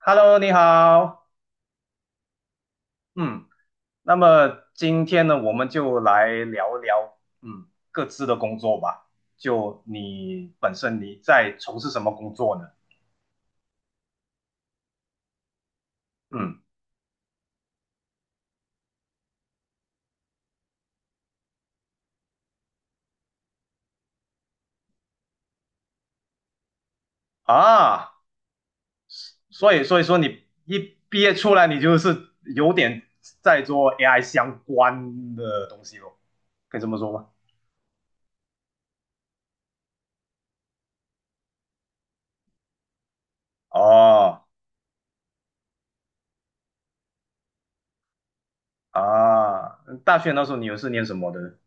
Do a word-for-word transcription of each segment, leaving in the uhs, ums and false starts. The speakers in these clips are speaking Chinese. Hello，你好。嗯，那么今天呢，我们就来聊聊，嗯，各自的工作吧。就你本身你在从事什么工作呢？嗯，啊，所以所以说你一毕业出来，你就是有点在做 A I 相关的东西咯，可以这么说吗？哦。啊，大学那时候你又是念什么的？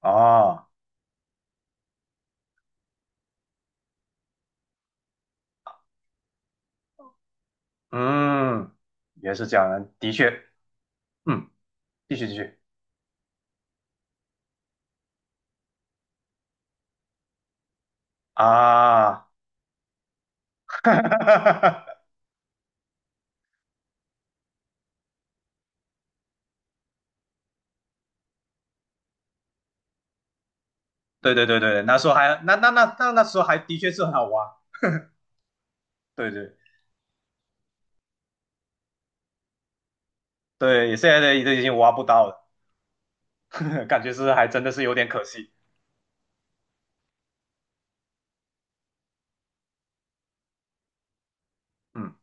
哦，嗯，也是这样的，的确。嗯，继续继续。啊，对对对对，那时候还那那那那那时候还的确是很好挖。对对对，现在的都已经挖不到了，感觉是还真的是有点可惜。嗯，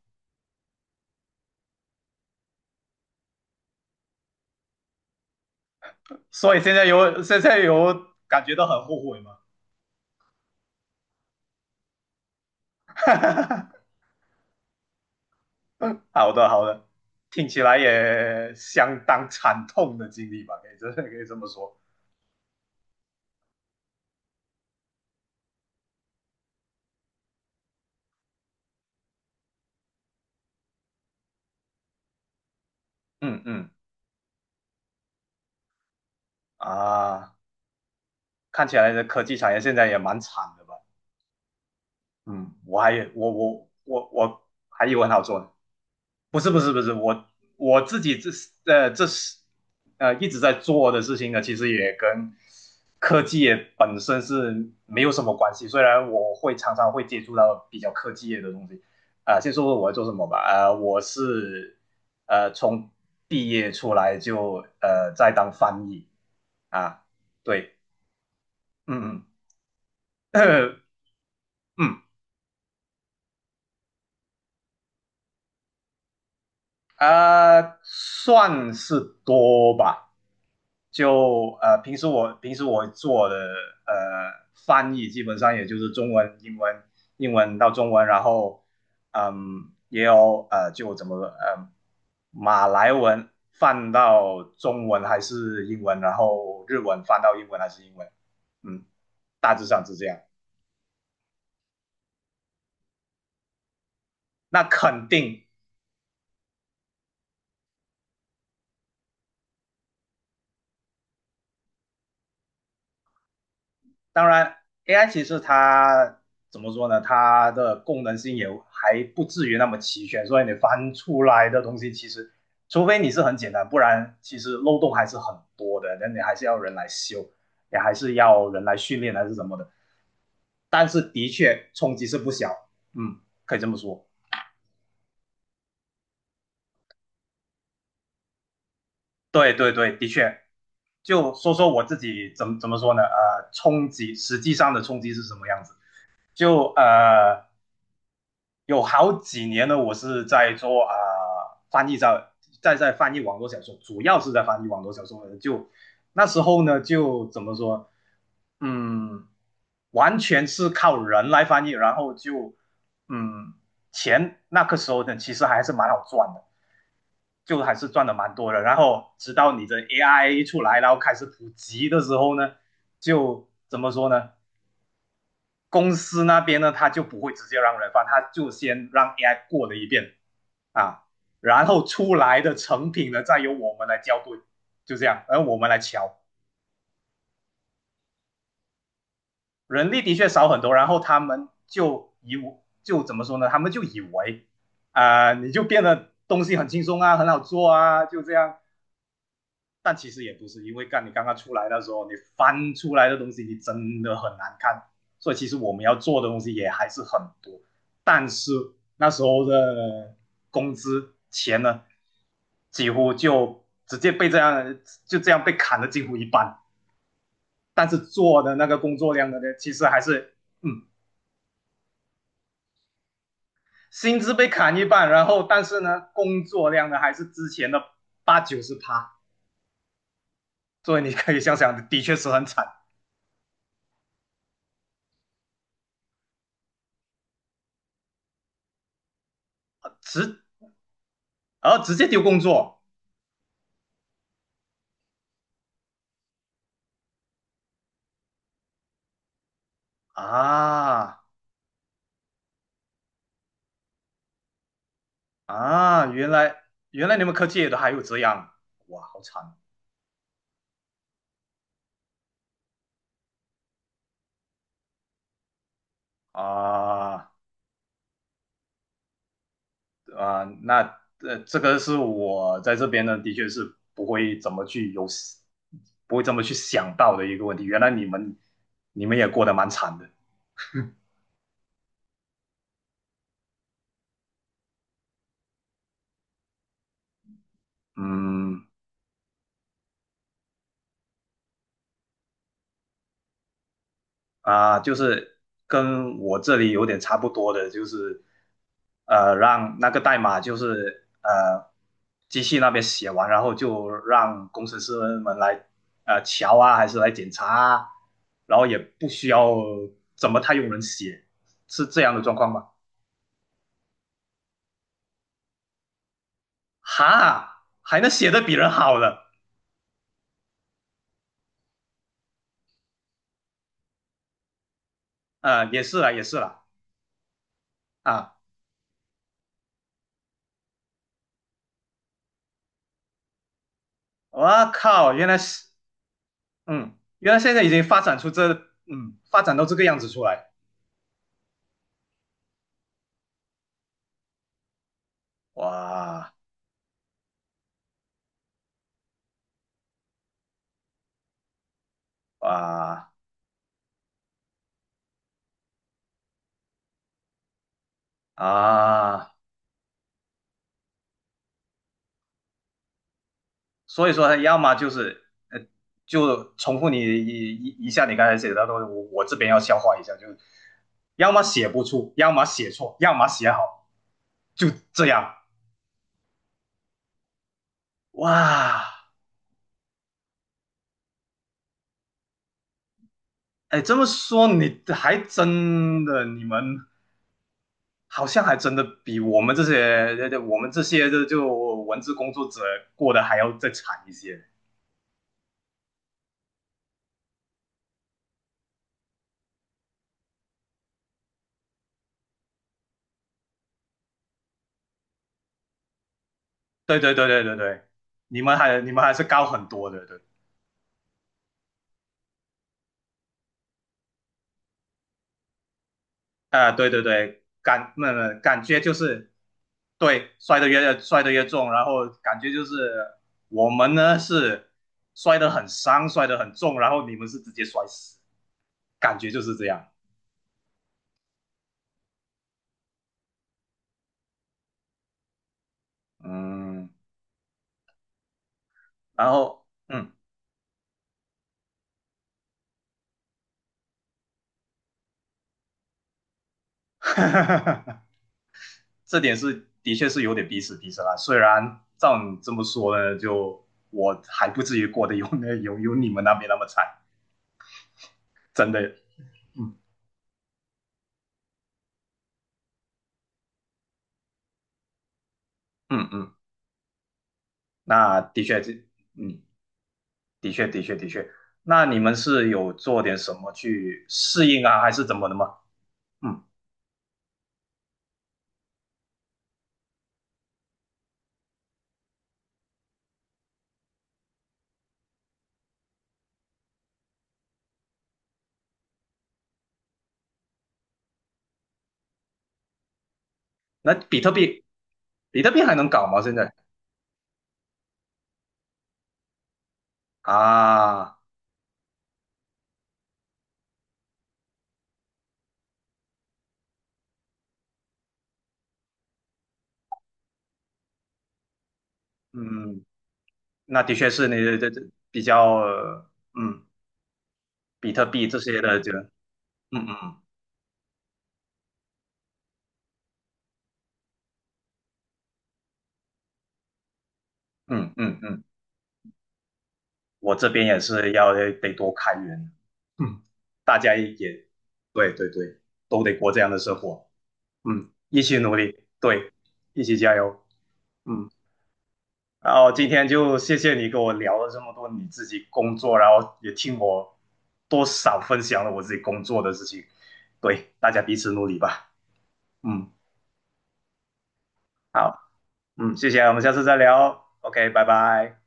所以现在有现在有感觉到很后悔吗？好的好的，听起来也相当惨痛的经历吧，可以真的可以这么说。嗯嗯啊，看起来的科技产业现在也蛮惨的吧。嗯，我还我我我我还以为很好做呢。不是不是不是，我我自己这是呃这是呃一直在做的事情呢，其实也跟科技业本身是没有什么关系。虽然我会常常会接触到比较科技业的东西啊，呃先说说我在做什么吧。啊，我是呃从毕业出来就呃在当翻译啊。对，嗯嗯 嗯啊，算是多吧。就呃，平时我平时我做的呃翻译基本上也就是中文、英文、英文到中文，然后嗯，也有呃，就怎么呃，马来文翻到中文还是英文，然后日文翻到英文还是英文，嗯，大致上是这样。那肯定。当然，A I 其实它怎么说呢？它的功能性也还不至于那么齐全，所以你翻出来的东西其实，除非你是很简单，不然其实漏洞还是很多的。那你还是要人来修，也还是要人来训练还是什么的。但是的确冲击是不小，嗯，可以这么说。对对对，的确。就说说我自己怎么怎么说呢？呃，冲击实际上的冲击是什么样子？就呃，有好几年呢，我是在做啊，呃翻译在在在翻译网络小说，主要是在翻译网络小说的。就那时候呢，就怎么说，嗯，完全是靠人来翻译，然后就嗯，钱那个时候呢，其实还是蛮好赚的，就还是赚的蛮多的。然后直到你的 A I 出来，然后开始普及的时候呢，就怎么说呢？公司那边呢，他就不会直接让人翻，他就先让 A I 过了一遍，啊，然后出来的成品呢，再由我们来校对，就这样，而我们来瞧，人力的确少很多。然后他们就以就怎么说呢？他们就以为啊，呃你就变得东西很轻松啊，很好做啊，就这样。但其实也不是，因为干你刚刚出来的时候，你翻出来的东西你真的很难看，所以其实我们要做的东西也还是很多。但是那时候的工资钱呢，几乎就直接被这样就这样被砍了几乎一半，但是做的那个工作量的呢，其实还是嗯，薪资被砍一半。然后但是呢，工作量呢还是之前的八九十趴，所以你可以想想，的确是很惨，直而直接丢工作。啊啊，原来原来你们科技也都还有这样，哇，好惨啊啊！那呃，这个是我在这边呢，的确是不会怎么去有，不会这么去想到的一个问题。原来你们你们也过得蛮惨的。嗯，啊，就是跟我这里有点差不多的，就是呃，让那个代码就是呃，机器那边写完，然后就让工程师们来呃瞧啊，还是来检查啊，然后也不需要怎么太用人写，是这样的状况吗？哈，还能写的比人好的。呃，也是啦，也是啦。啊，我靠，原来是，嗯，原来现在已经发展出这，嗯，发展到这个样子出来。哇。啊啊，所以说他要么就是呃，就重复你一一一下你刚才写的东西，我我这边要消化一下，就是要么写不出，要么写错，要么写好，就这样。哇，哎，这么说你还真的，你们好像还真的比我们这些这这我们这些这就文字工作者过得还要再惨一些。对对对对对对，你们还你们还是高很多的。对啊，对对对，感那、呃、感觉就是对摔得越摔得越重，然后感觉就是我们呢是摔得很伤，摔得很重，然后你们是直接摔死，感觉就是这样。嗯，然后嗯，哈哈哈这点是的确是有点彼此彼此啦。虽然照你这么说呢，就我还不至于过得有那有有你们那边那么惨，真的。嗯嗯嗯，那的确这嗯。的确，的确，的确。那你们是有做点什么去适应啊，还是怎么的吗？嗯，那比特币，比特币还能搞吗？现在啊，嗯，那的确是你这这比较，呃嗯，比特币这些的就，嗯嗯嗯嗯嗯，我这边也是要得多开源。嗯，大家也，对对对，都得过这样的生活。嗯，一起努力，对，一起加油，嗯。然后今天就谢谢你跟我聊了这么多你自己工作，然后也听我多少分享了我自己工作的事情。对，大家彼此努力吧。嗯，好，嗯，谢谢，我们下次再聊哦。OK，拜拜。